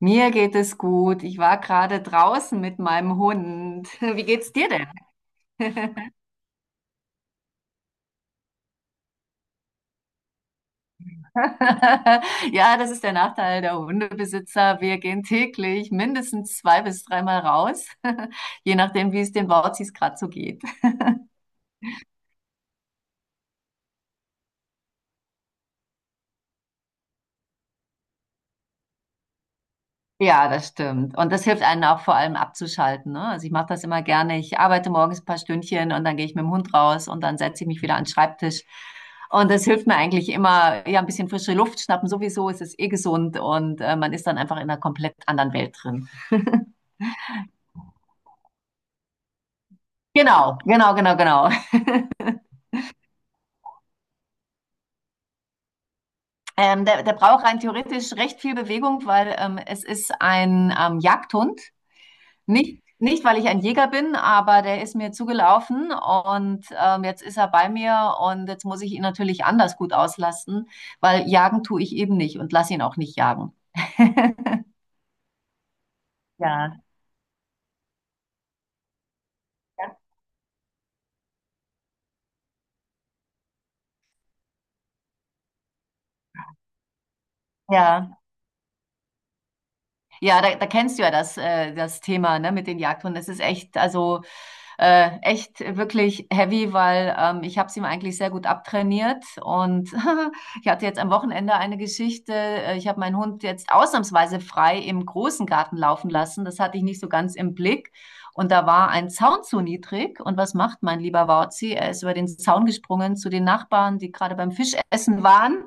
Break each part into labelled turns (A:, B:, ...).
A: Mir geht es gut. Ich war gerade draußen mit meinem Hund. Wie geht's dir denn? Ja, das ist der Nachteil der Hundebesitzer. Wir gehen täglich mindestens zwei bis dreimal raus, je nachdem, wie es den Wauzis gerade so geht. Ja, das stimmt. Und das hilft einem auch vor allem abzuschalten. Ne? Also ich mache das immer gerne. Ich arbeite morgens ein paar Stündchen und dann gehe ich mit dem Hund raus und dann setze ich mich wieder an den Schreibtisch. Und das hilft mir eigentlich immer, ja, ein bisschen frische Luft schnappen. Sowieso ist es eh gesund und man ist dann einfach in einer komplett anderen Welt drin. Genau, genau, genau, genau. Der braucht rein theoretisch recht viel Bewegung, weil es ist ein Jagdhund. Nicht, nicht, weil ich ein Jäger bin, aber der ist mir zugelaufen und jetzt ist er bei mir und jetzt muss ich ihn natürlich anders gut auslasten, weil jagen tue ich eben nicht und lass ihn auch nicht jagen. Ja. Ja. Ja, da kennst du ja das, das Thema, ne, mit den Jagdhunden. Das ist echt, also echt wirklich heavy, weil ich habe sie mir eigentlich sehr gut abtrainiert. Und ich hatte jetzt am Wochenende eine Geschichte. Ich habe meinen Hund jetzt ausnahmsweise frei im großen Garten laufen lassen. Das hatte ich nicht so ganz im Blick. Und da war ein Zaun zu niedrig. Und was macht mein lieber Wauzi? Er ist über den Zaun gesprungen zu den Nachbarn, die gerade beim Fischessen waren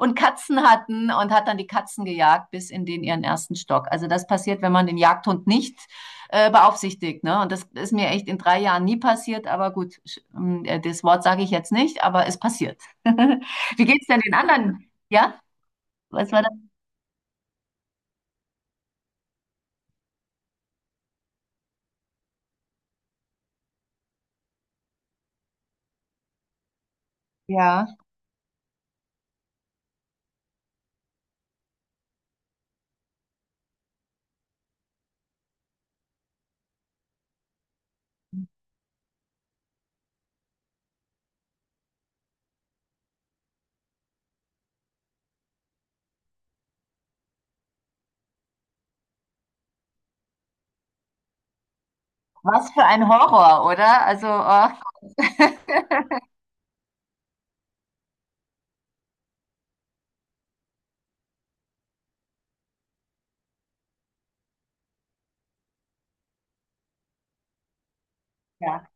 A: und Katzen hatten und hat dann die Katzen gejagt bis in den ihren ersten Stock. Also das passiert, wenn man den Jagdhund nicht beaufsichtigt. Ne? Und das ist mir echt in 3 Jahren nie passiert, aber gut, das Wort sage ich jetzt nicht, aber es passiert. Wie geht's denn den anderen? Ja? Was war das? Ja. Was für ein Horror, oder? Also, ach. Ja.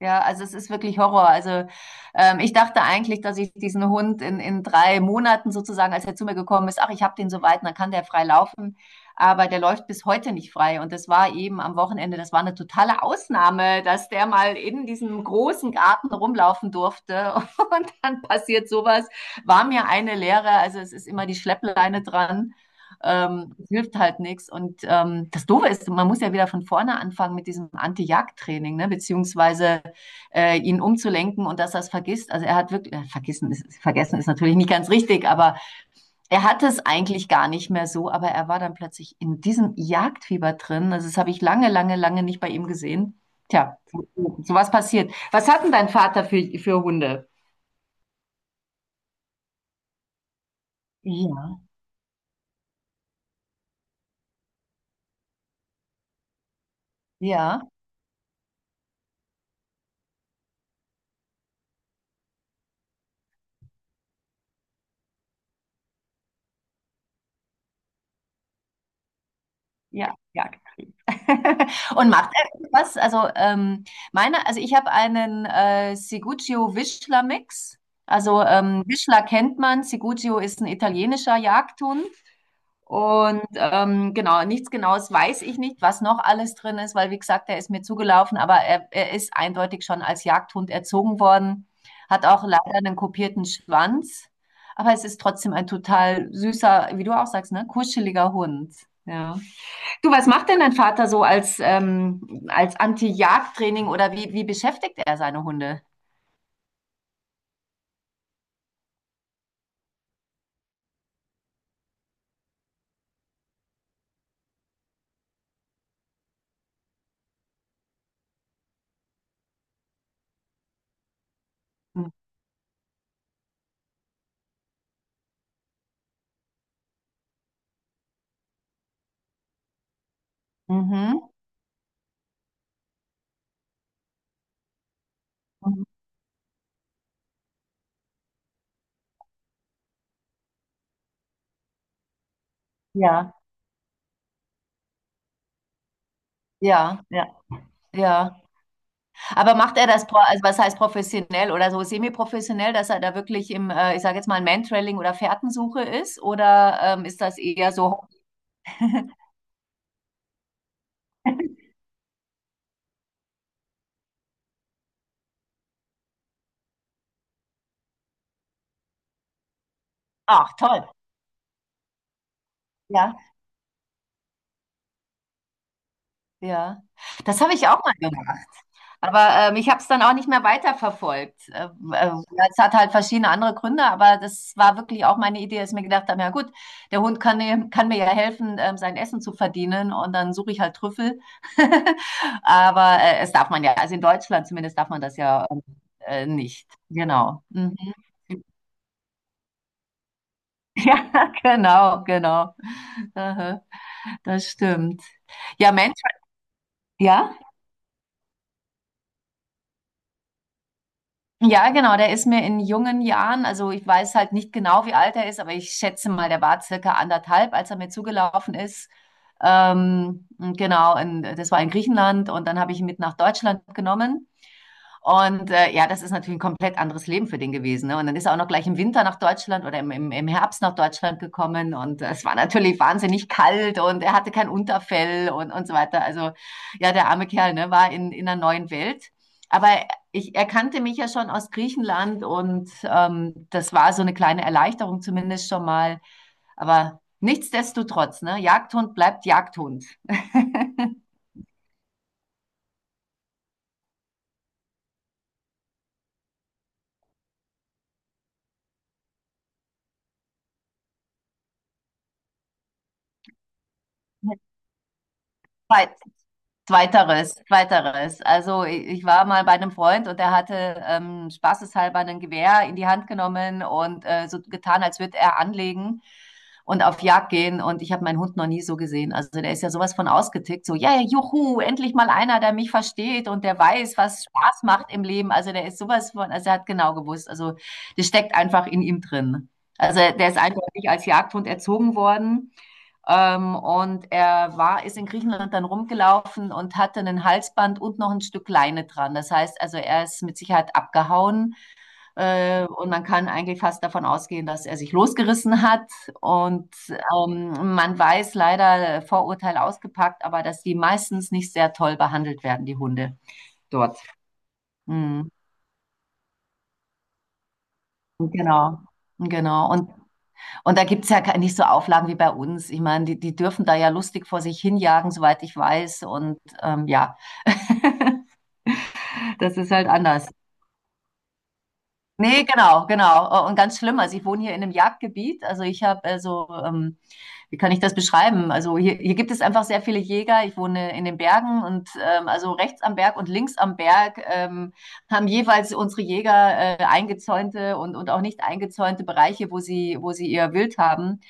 A: Ja, also es ist wirklich Horror. Also ich dachte eigentlich, dass ich diesen Hund in 3 Monaten sozusagen, als er zu mir gekommen ist, ach, ich habe den so weit, dann kann der frei laufen. Aber der läuft bis heute nicht frei. Und das war eben am Wochenende, das war eine totale Ausnahme, dass der mal in diesem großen Garten rumlaufen durfte. Und dann passiert sowas. War mir eine Lehre. Also es ist immer die Schleppleine dran. Es hilft halt nichts. Und das Doofe ist, man muss ja wieder von vorne anfangen mit diesem Anti-Jagd-Training, ne? Beziehungsweise ihn umzulenken und dass er es vergisst. Also er hat wirklich, vergessen ist natürlich nicht ganz richtig, aber er hatte es eigentlich gar nicht mehr so, aber er war dann plötzlich in diesem Jagdfieber drin. Also das habe ich lange, lange, lange nicht bei ihm gesehen. Tja, so was passiert. Was hat denn dein Vater für Hunde? Ja. Ja. Ja, Jagdtrieb. Und macht er irgendwas? Also, also ich habe einen Ciguccio-Wischler-Mix. Also Wischler kennt man, Ciguccio ist ein italienischer Jagdhund. Und genau, nichts Genaues weiß ich nicht, was noch alles drin ist, weil wie gesagt, er ist mir zugelaufen, aber er ist eindeutig schon als Jagdhund erzogen worden, hat auch leider einen kopierten Schwanz, aber es ist trotzdem ein total süßer, wie du auch sagst, ne, kuscheliger Hund. Ja. Du, was macht denn dein Vater so als, als Anti-Jagd-Training oder wie beschäftigt er seine Hunde? Mhm. Mhm. Ja, ja, ja, ja. Aber macht er das, also was heißt professionell oder so semi-professionell, dass er da wirklich ich sage jetzt mal, Mantrailing oder Fährtensuche ist? Oder ist das eher so, ach toll, ja, ja. Das habe ich auch mal gemacht. Aber ich habe es dann auch nicht mehr weiterverfolgt. Es hat halt verschiedene andere Gründe, aber das war wirklich auch meine Idee, dass ich mir gedacht habe, ja gut, der Hund kann mir ja helfen, sein Essen zu verdienen und dann suche ich halt Trüffel. Aber es darf man ja, also in Deutschland zumindest darf man das ja nicht. Genau. Mhm. Ja, genau, genau. Aha, das stimmt. Ja, Mensch, ja. Ja, genau, der ist mir in jungen Jahren, also ich weiß halt nicht genau, wie alt er ist, aber ich schätze mal, der war circa anderthalb, als er mir zugelaufen ist. Genau, das war in Griechenland und dann habe ich ihn mit nach Deutschland genommen. Und ja, das ist natürlich ein komplett anderes Leben für den gewesen. Ne? Und dann ist er auch noch gleich im Winter nach Deutschland oder im Herbst nach Deutschland gekommen. Und es war natürlich wahnsinnig kalt und er hatte kein Unterfell und so weiter. Also ja, der arme Kerl ne, war in einer neuen Welt. Aber ich erkannte mich ja schon aus Griechenland und das war so eine kleine Erleichterung zumindest schon mal. Aber nichtsdestotrotz, ne? Jagdhund bleibt Jagdhund. Zeit, Zweiteres, zweiteres. Also ich war mal bei einem Freund und der hatte spaßeshalber ein Gewehr in die Hand genommen und so getan, als würde er anlegen und auf Jagd gehen. Und ich habe meinen Hund noch nie so gesehen. Also der ist ja sowas von ausgetickt. So, ja, yeah, juhu, endlich mal einer, der mich versteht und der weiß, was Spaß macht im Leben. Also der ist sowas von, also er hat genau gewusst. Also das steckt einfach in ihm drin. Also der ist eindeutig als Jagdhund erzogen worden. Und er war, ist in Griechenland dann rumgelaufen und hatte einen Halsband und noch ein Stück Leine dran. Das heißt also, er ist mit Sicherheit abgehauen. Und man kann eigentlich fast davon ausgehen, dass er sich losgerissen hat. Und man weiß leider Vorurteil ausgepackt, aber dass die meistens nicht sehr toll behandelt werden, die Hunde dort. Mhm. Genau. Genau, und da gibt's ja nicht so Auflagen wie bei uns. Ich meine, die dürfen da ja lustig vor sich hinjagen, soweit ich weiß. Und ja, das ist halt anders. Nee, genau, genau. Und ganz schlimm. Also ich wohne hier in einem Jagdgebiet. Also ich habe wie kann ich das beschreiben? Also hier, hier gibt es einfach sehr viele Jäger. Ich wohne in den Bergen und also rechts am Berg und links am Berg haben jeweils unsere Jäger eingezäunte und auch nicht eingezäunte Bereiche, wo sie ihr Wild haben.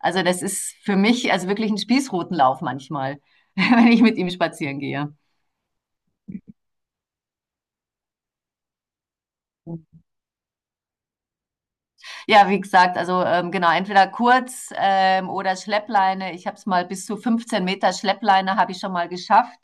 A: Also das ist für mich also wirklich ein Spießrutenlauf manchmal, wenn ich mit ihm spazieren gehe. Ja, wie gesagt, also genau, entweder kurz oder Schleppleine. Ich habe es mal bis zu 15 Meter Schleppleine habe ich schon mal geschafft.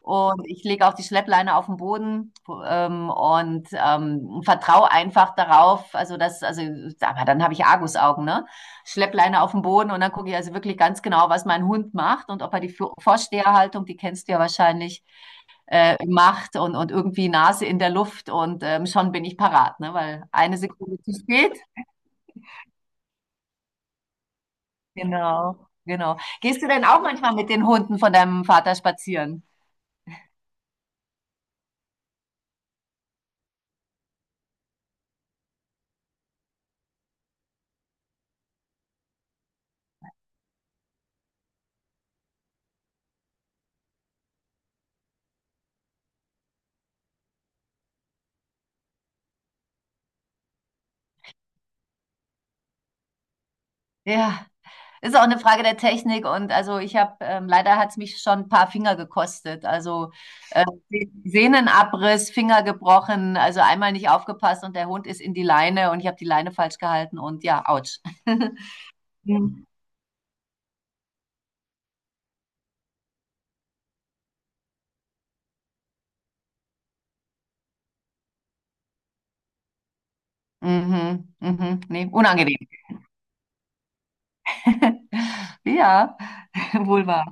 A: Und ich lege auch die Schleppleine auf den Boden und vertraue einfach darauf. Also das, also, aber dann habe ich Argusaugen, ne? Schleppleine auf den Boden und dann gucke ich also wirklich ganz genau, was mein Hund macht und ob er die Vorsteherhaltung, die kennst du ja wahrscheinlich, macht und irgendwie Nase in der Luft und schon bin ich parat, ne? Weil eine Sekunde zu spät. Genau, genau. Gehst du denn auch manchmal mit den Hunden von deinem Vater spazieren? Ja, ist auch eine Frage der Technik und also leider hat es mich schon ein paar Finger gekostet. Also äh, Sehnenabriss, Finger gebrochen, also einmal nicht aufgepasst und der Hund ist in die Leine und ich habe die Leine falsch gehalten und ja, ouch. Mhm, mhm, nee, unangenehm. Ja, wohl wahr.